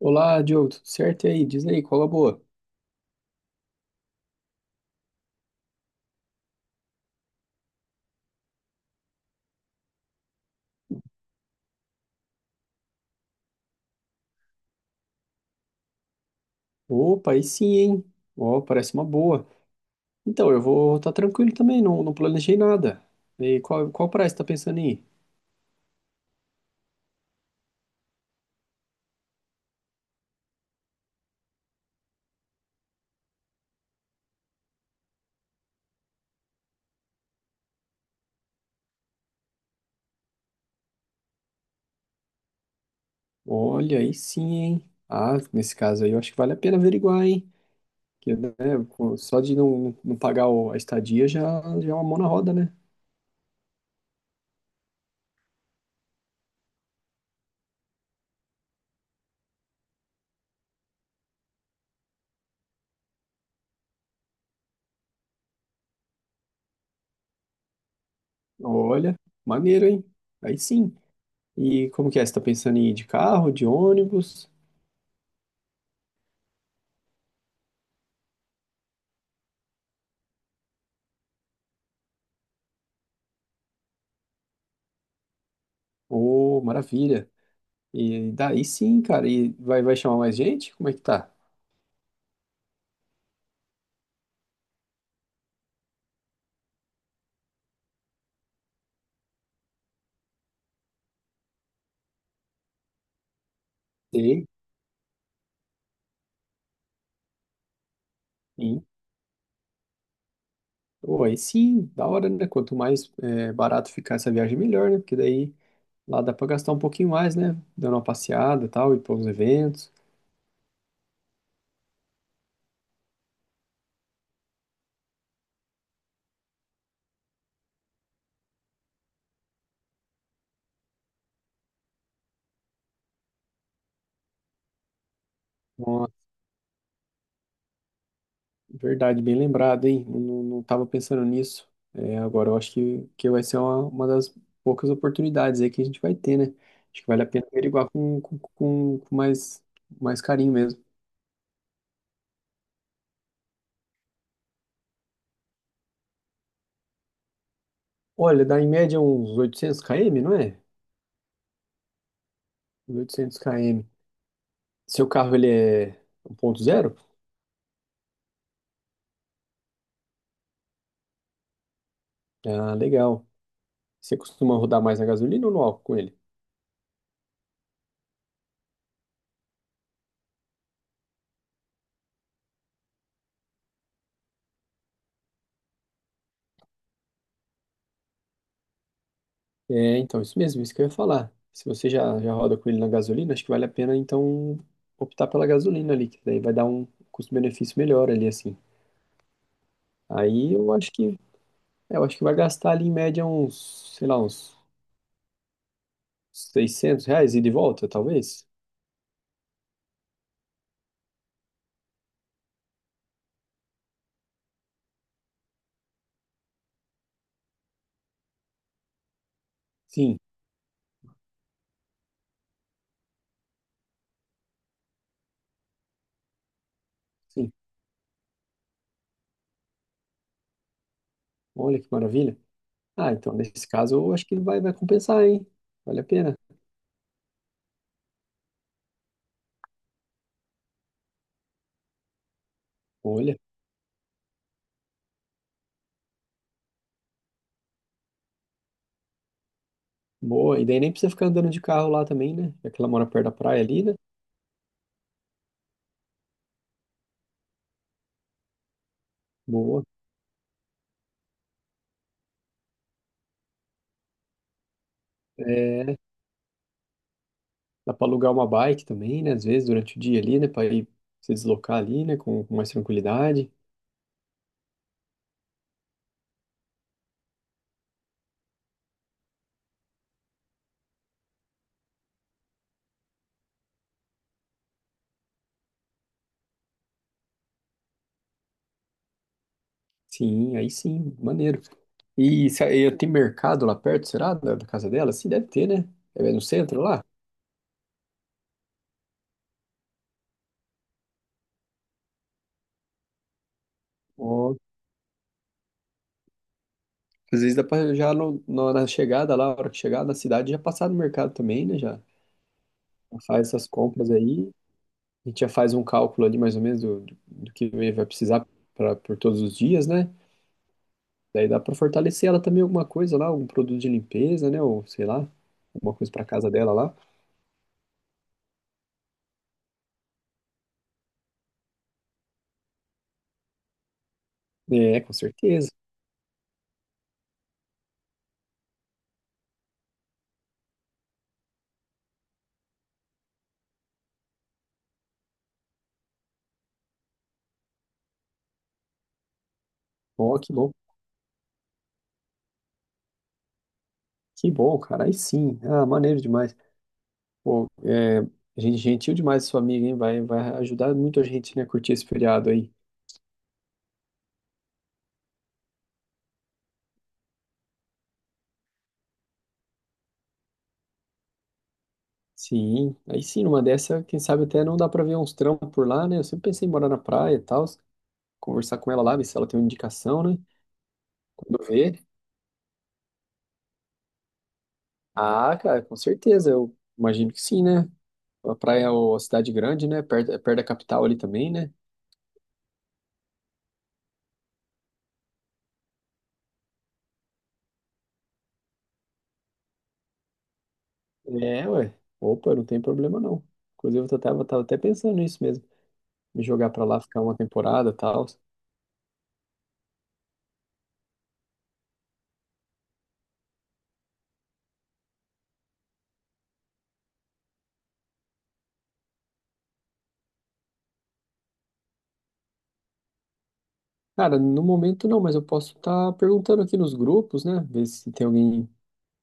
Olá, Diogo, tudo certo? E aí? Diz aí, qual é a boa? Opa, aí sim, hein? Ó, parece uma boa. Então, eu vou estar tranquilo também, não planejei nada. E qual praia você tá pensando em ir? Olha, aí sim, hein? Ah, nesse caso aí eu acho que vale a pena averiguar, hein? Porque, né, pô, só de não pagar a estadia já, já é uma mão na roda, né? Olha, maneiro, hein? Aí sim. E como que é? Você tá pensando em ir de carro, de ônibus? Ô, maravilha. E daí sim, cara. E vai chamar mais gente? Como é que tá? Sim, sim. Pô, aí sim, da hora, né? Quanto mais é, barato ficar essa viagem, melhor, né? Porque daí lá dá pra gastar um pouquinho mais, né? Dando uma passeada e tal, ir para os eventos. Nossa, verdade, bem lembrado, hein? Não, não tava pensando nisso. É, agora eu acho que vai ser uma das poucas oportunidades aí que a gente vai ter, né? Acho que vale a pena averiguar com mais carinho mesmo. Olha, dá em média uns 800 km, não é? 1.800 km. Seu carro ele é 1.0? Ah, legal. Você costuma rodar mais na gasolina ou no álcool com ele? É, então, isso mesmo, isso que eu ia falar. Se você já roda com ele na gasolina, acho que vale a pena, então, optar pela gasolina ali, que daí vai dar um custo-benefício melhor ali, assim. Aí eu acho que vai gastar ali em média uns, sei lá, uns R$ 600 ida e de volta, talvez? Sim, sim. Olha que maravilha. Ah, então, nesse caso, eu acho que vai compensar, hein? Vale a pena. Olha. Boa, e daí nem precisa ficar andando de carro lá também, né? Já que ela mora perto da praia ali, né? Boa. É, dá pra alugar uma bike também, né? Às vezes durante o dia ali, né? Pra ir se deslocar ali, né? Com mais tranquilidade. Sim, aí sim, maneiro. E se, e tem mercado lá perto, será? Da casa dela? Sim, deve ter, né? É no centro lá? Ó, às vezes dá pra já na chegada lá, a hora que chegar na cidade, já passar no mercado também, né? Já faz essas compras aí. A gente já faz um cálculo ali mais ou menos do que vai precisar por todos os dias, né? Daí dá pra fortalecer ela também alguma coisa lá, algum produto de limpeza, né? Ou sei lá, alguma coisa pra casa dela lá. É, com certeza. Ó, que bom. Que bom, cara. Aí sim. Ah, maneiro demais. Pô, é, gente, gentil demais sua amiga, hein? Vai ajudar muito a gente, né, a curtir esse feriado aí. Sim, aí sim, numa dessa, quem sabe até não dá pra ver uns trampos por lá, né? Eu sempre pensei em morar na praia e tal, conversar com ela lá, ver se ela tem uma indicação, né? Quando vê. Ah, cara, com certeza, eu imagino que sim, né? A praia é uma cidade grande, né? Perto, é perto da capital ali também, né? É, ué. Opa, não tem problema não. Inclusive, eu tava até pensando nisso mesmo. Me jogar pra lá, ficar uma temporada e tal. Cara, no momento não, mas eu posso estar perguntando aqui nos grupos, né? Ver se tem alguém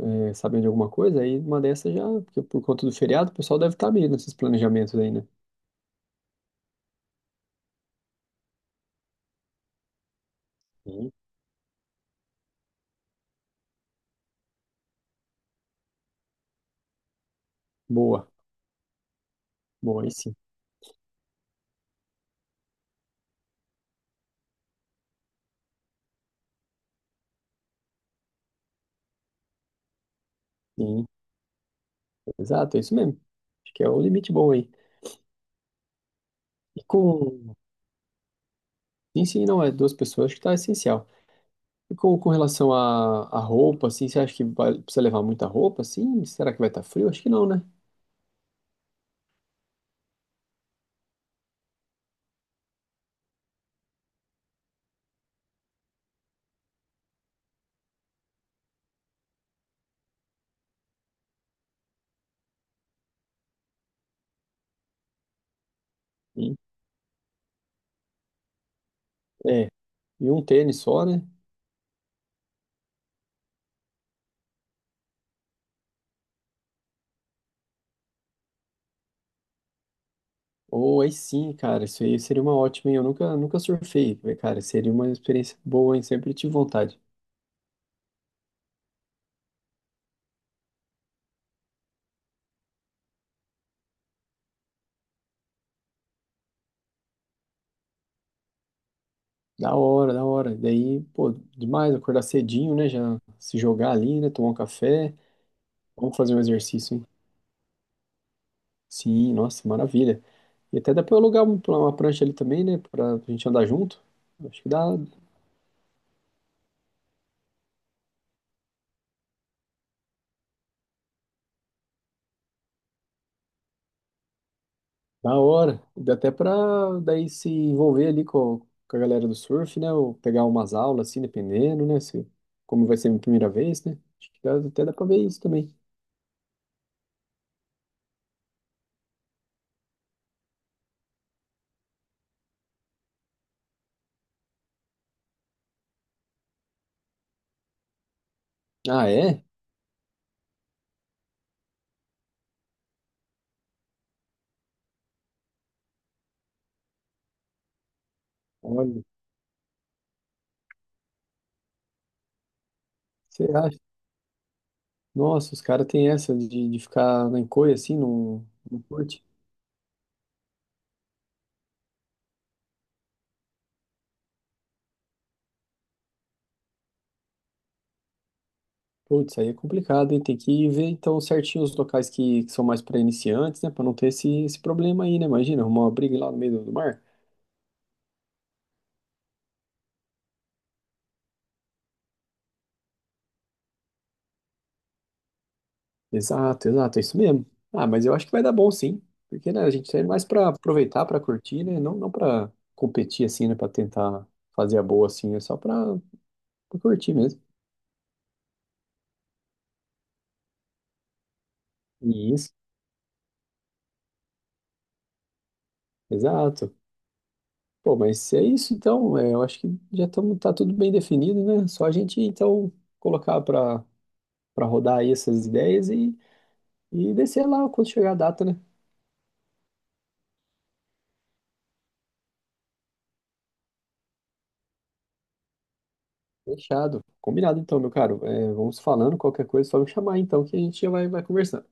é, sabendo de alguma coisa. Aí uma dessas já, porque por conta do feriado, o pessoal deve estar meio nesses planejamentos aí, né? Sim. Boa, boa, aí sim. Sim, exato, é isso mesmo. Acho que é o limite bom aí. E com, Sim, sim, não, é duas pessoas, que tá essencial. E com relação à roupa, assim, você acha que vai, precisa levar muita roupa, assim? Será que vai estar frio? Acho que não, né? Sim. É, e um tênis só, né? Ou aí sim, cara, isso aí seria uma ótima, hein? Eu nunca surfei, né, cara, seria uma experiência boa, hein? Sempre tive vontade. Da hora, da hora. Daí, pô, demais acordar cedinho, né? Já se jogar ali, né? Tomar um café. Vamos fazer um exercício, hein? Sim, nossa, maravilha. E até dá pra eu alugar uma prancha ali também, né? Pra gente andar junto. Acho que dá da hora. Dá até pra daí se envolver ali com a galera do surf, né? Ou pegar umas aulas, assim, dependendo, né? Se, como vai ser a minha primeira vez, né? Acho que dá, até dá pra ver isso também. Ah, é? Olha, você acha? Nossa, os caras têm essa de ficar na encolha, assim, não curte. Putz, aí é complicado, hein? Tem que ver, então, certinho os locais que são mais para iniciantes, né? Pra não ter esse problema aí, né? Imagina, arrumar uma briga lá no meio do mar. Exato, exato, é isso mesmo. Ah, mas eu acho que vai dar bom sim, porque né, a gente tá indo mais pra aproveitar, pra curtir, né? Não, não para competir assim, né? Pra tentar fazer a boa assim, é só pra curtir mesmo. Isso, exato. Pô, mas se é isso então, é, eu acho que já tamo, tá tudo bem definido, né? Só a gente então colocar pra para rodar aí essas ideias e descer lá quando chegar a data, né? Fechado. Combinado então, meu caro. É, vamos falando, qualquer coisa, só me chamar então que a gente já vai conversando.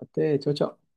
Até, tchau, tchau.